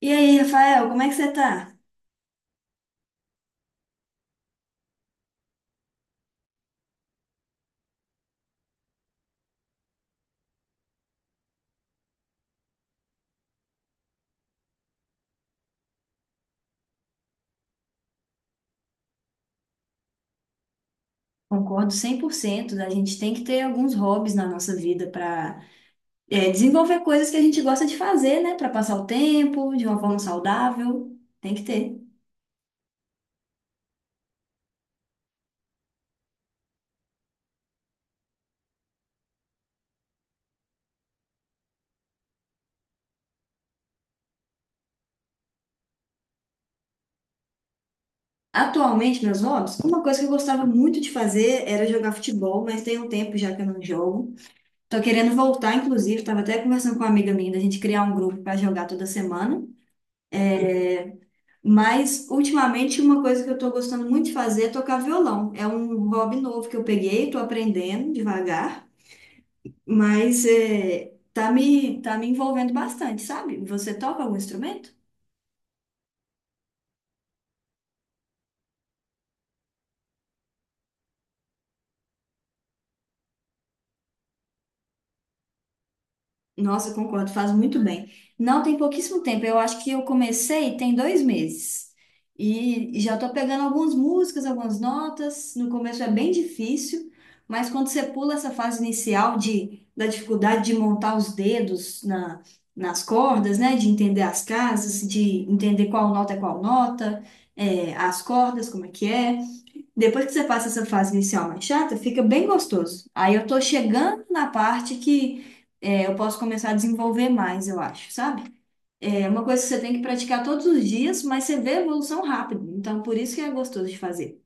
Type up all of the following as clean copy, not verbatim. E aí, Rafael, como é que você tá? Concordo 100%. A gente tem que ter alguns hobbies na nossa vida para desenvolver coisas que a gente gosta de fazer, né? Para passar o tempo de uma forma saudável, tem que ter. Atualmente, meus hobbies, uma coisa que eu gostava muito de fazer era jogar futebol, mas tem um tempo já que eu não jogo. Tô querendo voltar, inclusive, estava até conversando com uma amiga minha da gente criar um grupo para jogar toda semana. É, Mas, ultimamente, uma coisa que eu tô gostando muito de fazer é tocar violão. É um hobby novo que eu peguei, tô aprendendo devagar, mas tá me envolvendo bastante, sabe? Você toca algum instrumento? Nossa, eu concordo, faz muito bem. Não, tem pouquíssimo tempo. Eu acho que eu comecei tem dois meses. E já estou pegando algumas músicas, algumas notas. No começo é bem difícil, mas quando você pula essa fase inicial da dificuldade de montar os dedos nas cordas, né? De entender as casas, de entender qual nota é qual nota, as cordas, como é que é. Depois que você passa essa fase inicial mais chata, fica bem gostoso. Aí eu tô chegando na parte que eu posso começar a desenvolver mais, eu acho, sabe? É uma coisa que você tem que praticar todos os dias, mas você vê a evolução rápido. Então, por isso que é gostoso de fazer.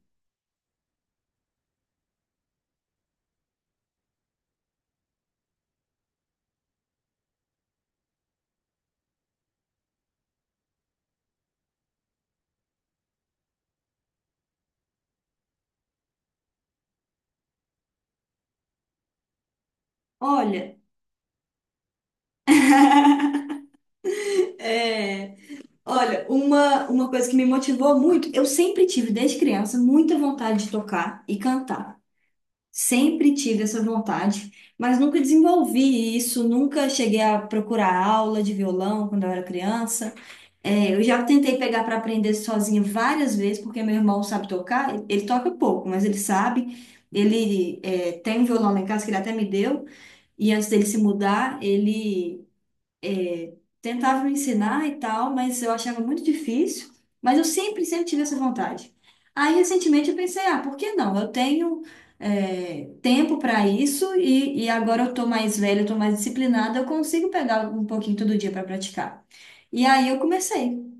Olha, é, olha, uma coisa que me motivou muito, eu sempre tive, desde criança, muita vontade de tocar e cantar. Sempre tive essa vontade, mas nunca desenvolvi isso, nunca cheguei a procurar aula de violão quando eu era criança. É, eu já tentei pegar para aprender sozinha várias vezes, porque meu irmão sabe tocar. Ele toca pouco, mas ele sabe. Tem um violão lá em casa que ele até me deu. E antes dele se mudar, ele tentava me ensinar e tal, mas eu achava muito difícil. Mas eu sempre, sempre tive essa vontade. Aí, recentemente, eu pensei, ah, por que não? Eu tenho tempo para isso e agora eu tô mais velha, eu tô mais disciplinada, eu consigo pegar um pouquinho todo dia para praticar. E aí eu comecei.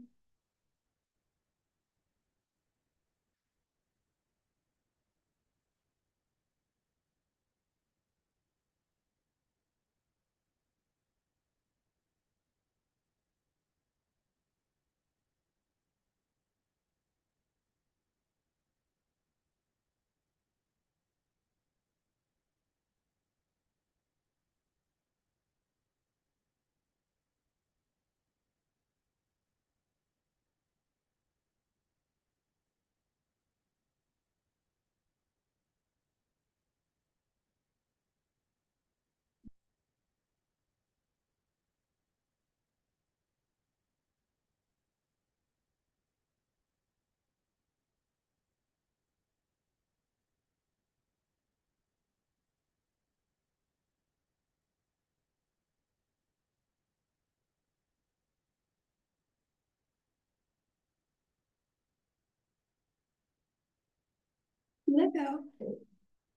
Legal.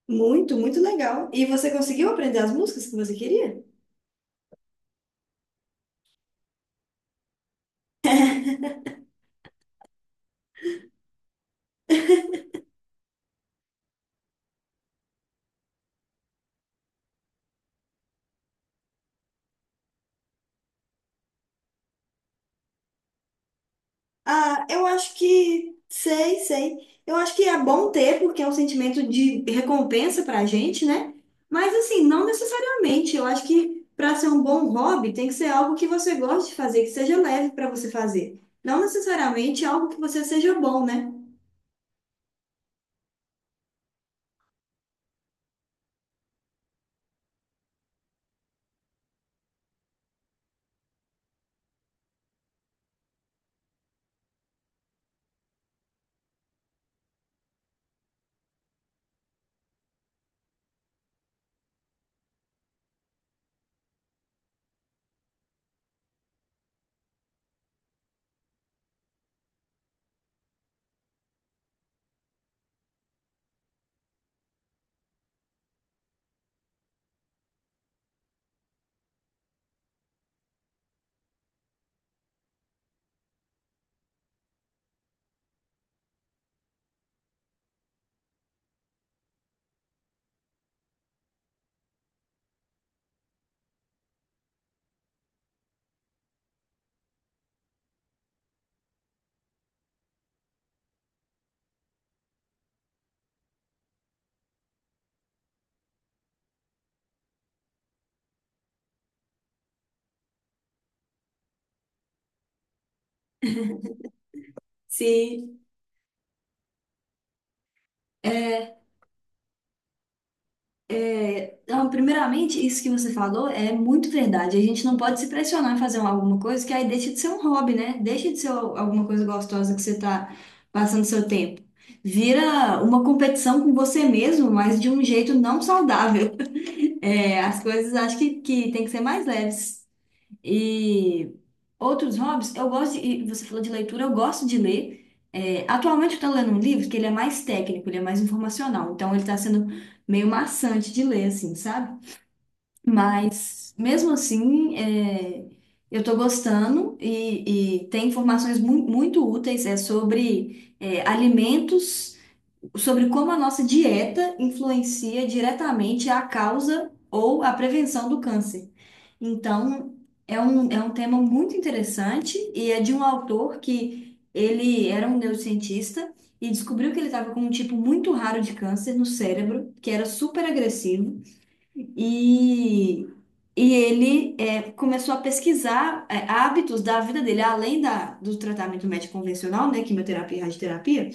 Muito, muito legal. E você conseguiu aprender as músicas que você queria? Ah, eu acho que sei, sei. Eu acho que é bom ter, porque é um sentimento de recompensa pra gente, né? Mas assim, não necessariamente. Eu acho que para ser um bom hobby, tem que ser algo que você goste de fazer, que seja leve para você fazer. Não necessariamente algo que você seja bom, né? Sim. Então, primeiramente, isso que você falou é muito verdade. A gente não pode se pressionar a fazer alguma coisa que aí deixa de ser um hobby, né? Deixa de ser alguma coisa gostosa que você está passando seu tempo. Vira uma competição com você mesmo, mas de um jeito não saudável. É, as coisas acho que tem que ser mais leves. E outros hobbies, eu gosto, de, e você falou de leitura, eu gosto de ler. É, atualmente eu estou lendo um livro que ele é mais técnico, ele é mais informacional, então ele está sendo meio maçante de ler, assim, sabe? Mas, mesmo assim, eu estou gostando e tem informações muito úteis sobre alimentos, sobre como a nossa dieta influencia diretamente a causa ou a prevenção do câncer. Então, é um tema muito interessante e é de um autor que ele era um neurocientista e descobriu que ele estava com um tipo muito raro de câncer no cérebro, que era super agressivo. E, e ele começou a pesquisar hábitos da vida dele, além do tratamento médico convencional, né, quimioterapia e radioterapia.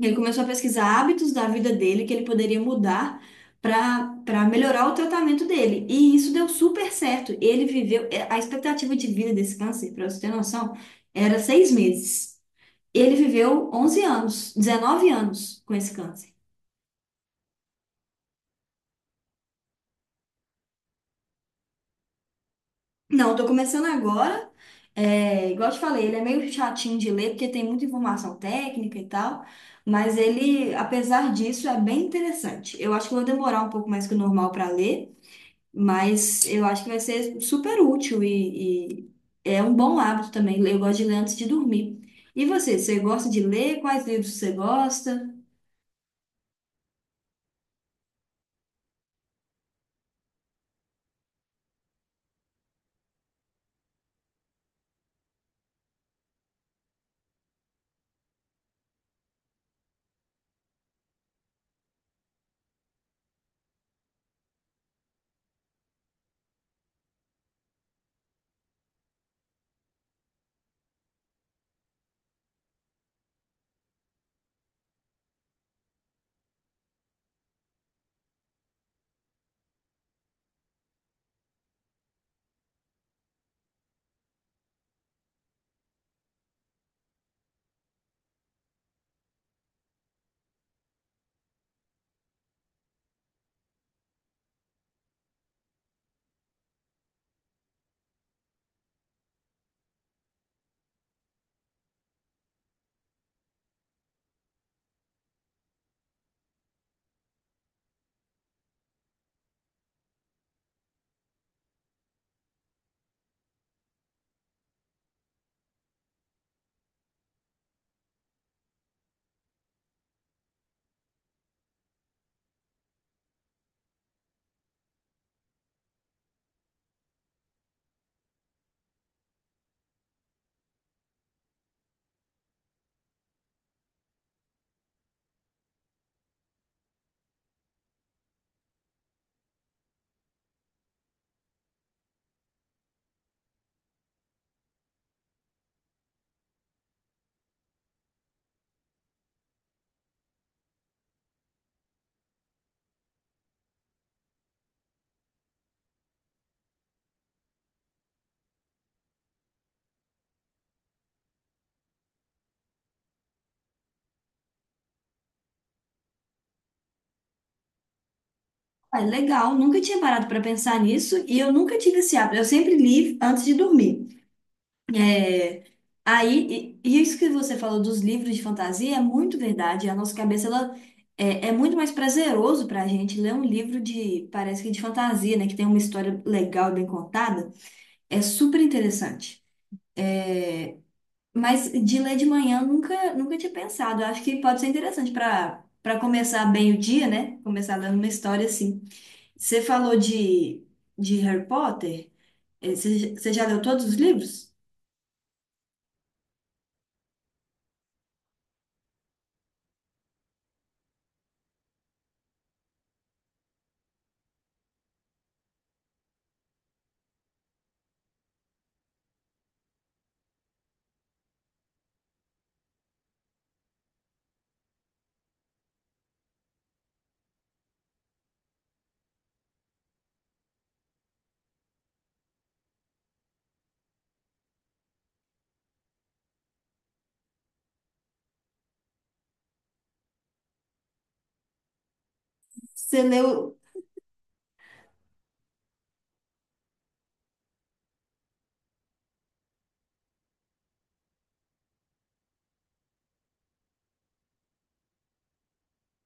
Ele começou a pesquisar hábitos da vida dele que ele poderia mudar para melhorar o tratamento dele. E isso deu super certo. Ele viveu, a expectativa de vida desse câncer, para você ter noção, era seis meses. Ele viveu 11 anos, 19 anos com esse câncer. Não, eu tô começando agora. É, igual eu te falei, ele é meio chatinho de ler, porque tem muita informação técnica e tal, mas ele, apesar disso, é bem interessante. Eu acho que eu vou demorar um pouco mais que o normal para ler, mas eu acho que vai ser super útil e é um bom hábito também. Eu gosto de ler antes de dormir. Você gosta de ler? Quais livros você gosta? Ah, legal, nunca tinha parado para pensar nisso e eu nunca tive esse hábito. Eu sempre li antes de dormir. É, Aí, e isso que você falou dos livros de fantasia é muito verdade. A nossa cabeça, ela é muito mais prazeroso pra gente ler um livro de, parece que de fantasia, né? Que tem uma história legal, bem contada. É super interessante. Mas de ler de manhã, eu nunca, nunca tinha pensado. Eu acho que pode ser interessante para começar bem o dia, né? Começar lendo uma história assim. Você falou de, de Harry Potter. Você já leu todos os livros? Você leu.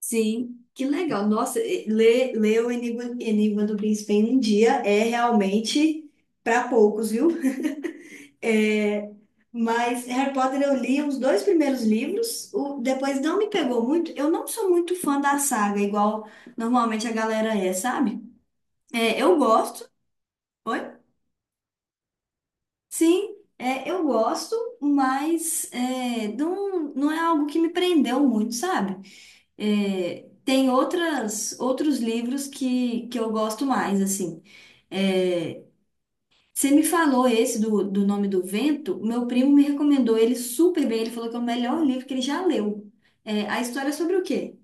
Sim, que legal. Nossa, ler, ler o Enigma, Enigma do Príncipe em um dia é realmente para poucos, viu? É, mas Harry Potter eu li os dois primeiros livros, o, depois não me pegou muito. Eu não sou muito fã da saga, igual normalmente a galera é, sabe? É, eu gosto. Oi? Sim, é, eu gosto, não, não é algo que me prendeu muito, sabe? É, tem outras, outros livros que eu gosto mais, assim. É, você me falou esse do Nome do Vento, meu primo me recomendou ele super bem, ele falou que é o melhor livro que ele já leu. É, a história é sobre o quê?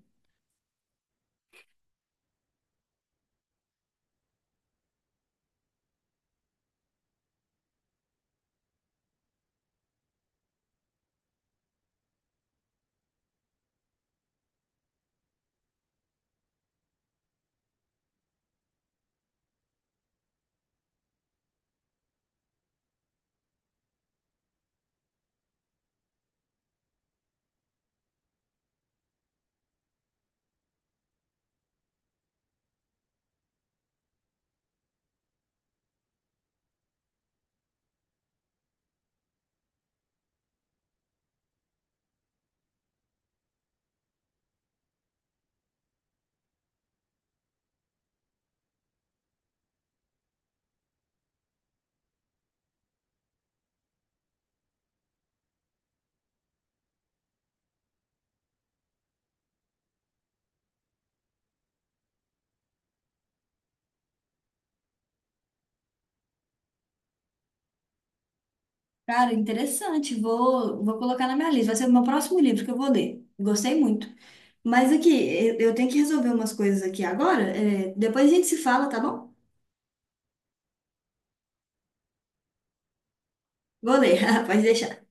Cara, interessante, vou, vou colocar na minha lista, vai ser o meu próximo livro que eu vou ler. Gostei muito. Mas aqui, eu tenho que resolver umas coisas aqui agora, é, depois a gente se fala, tá bom? Vou ler, pode deixar.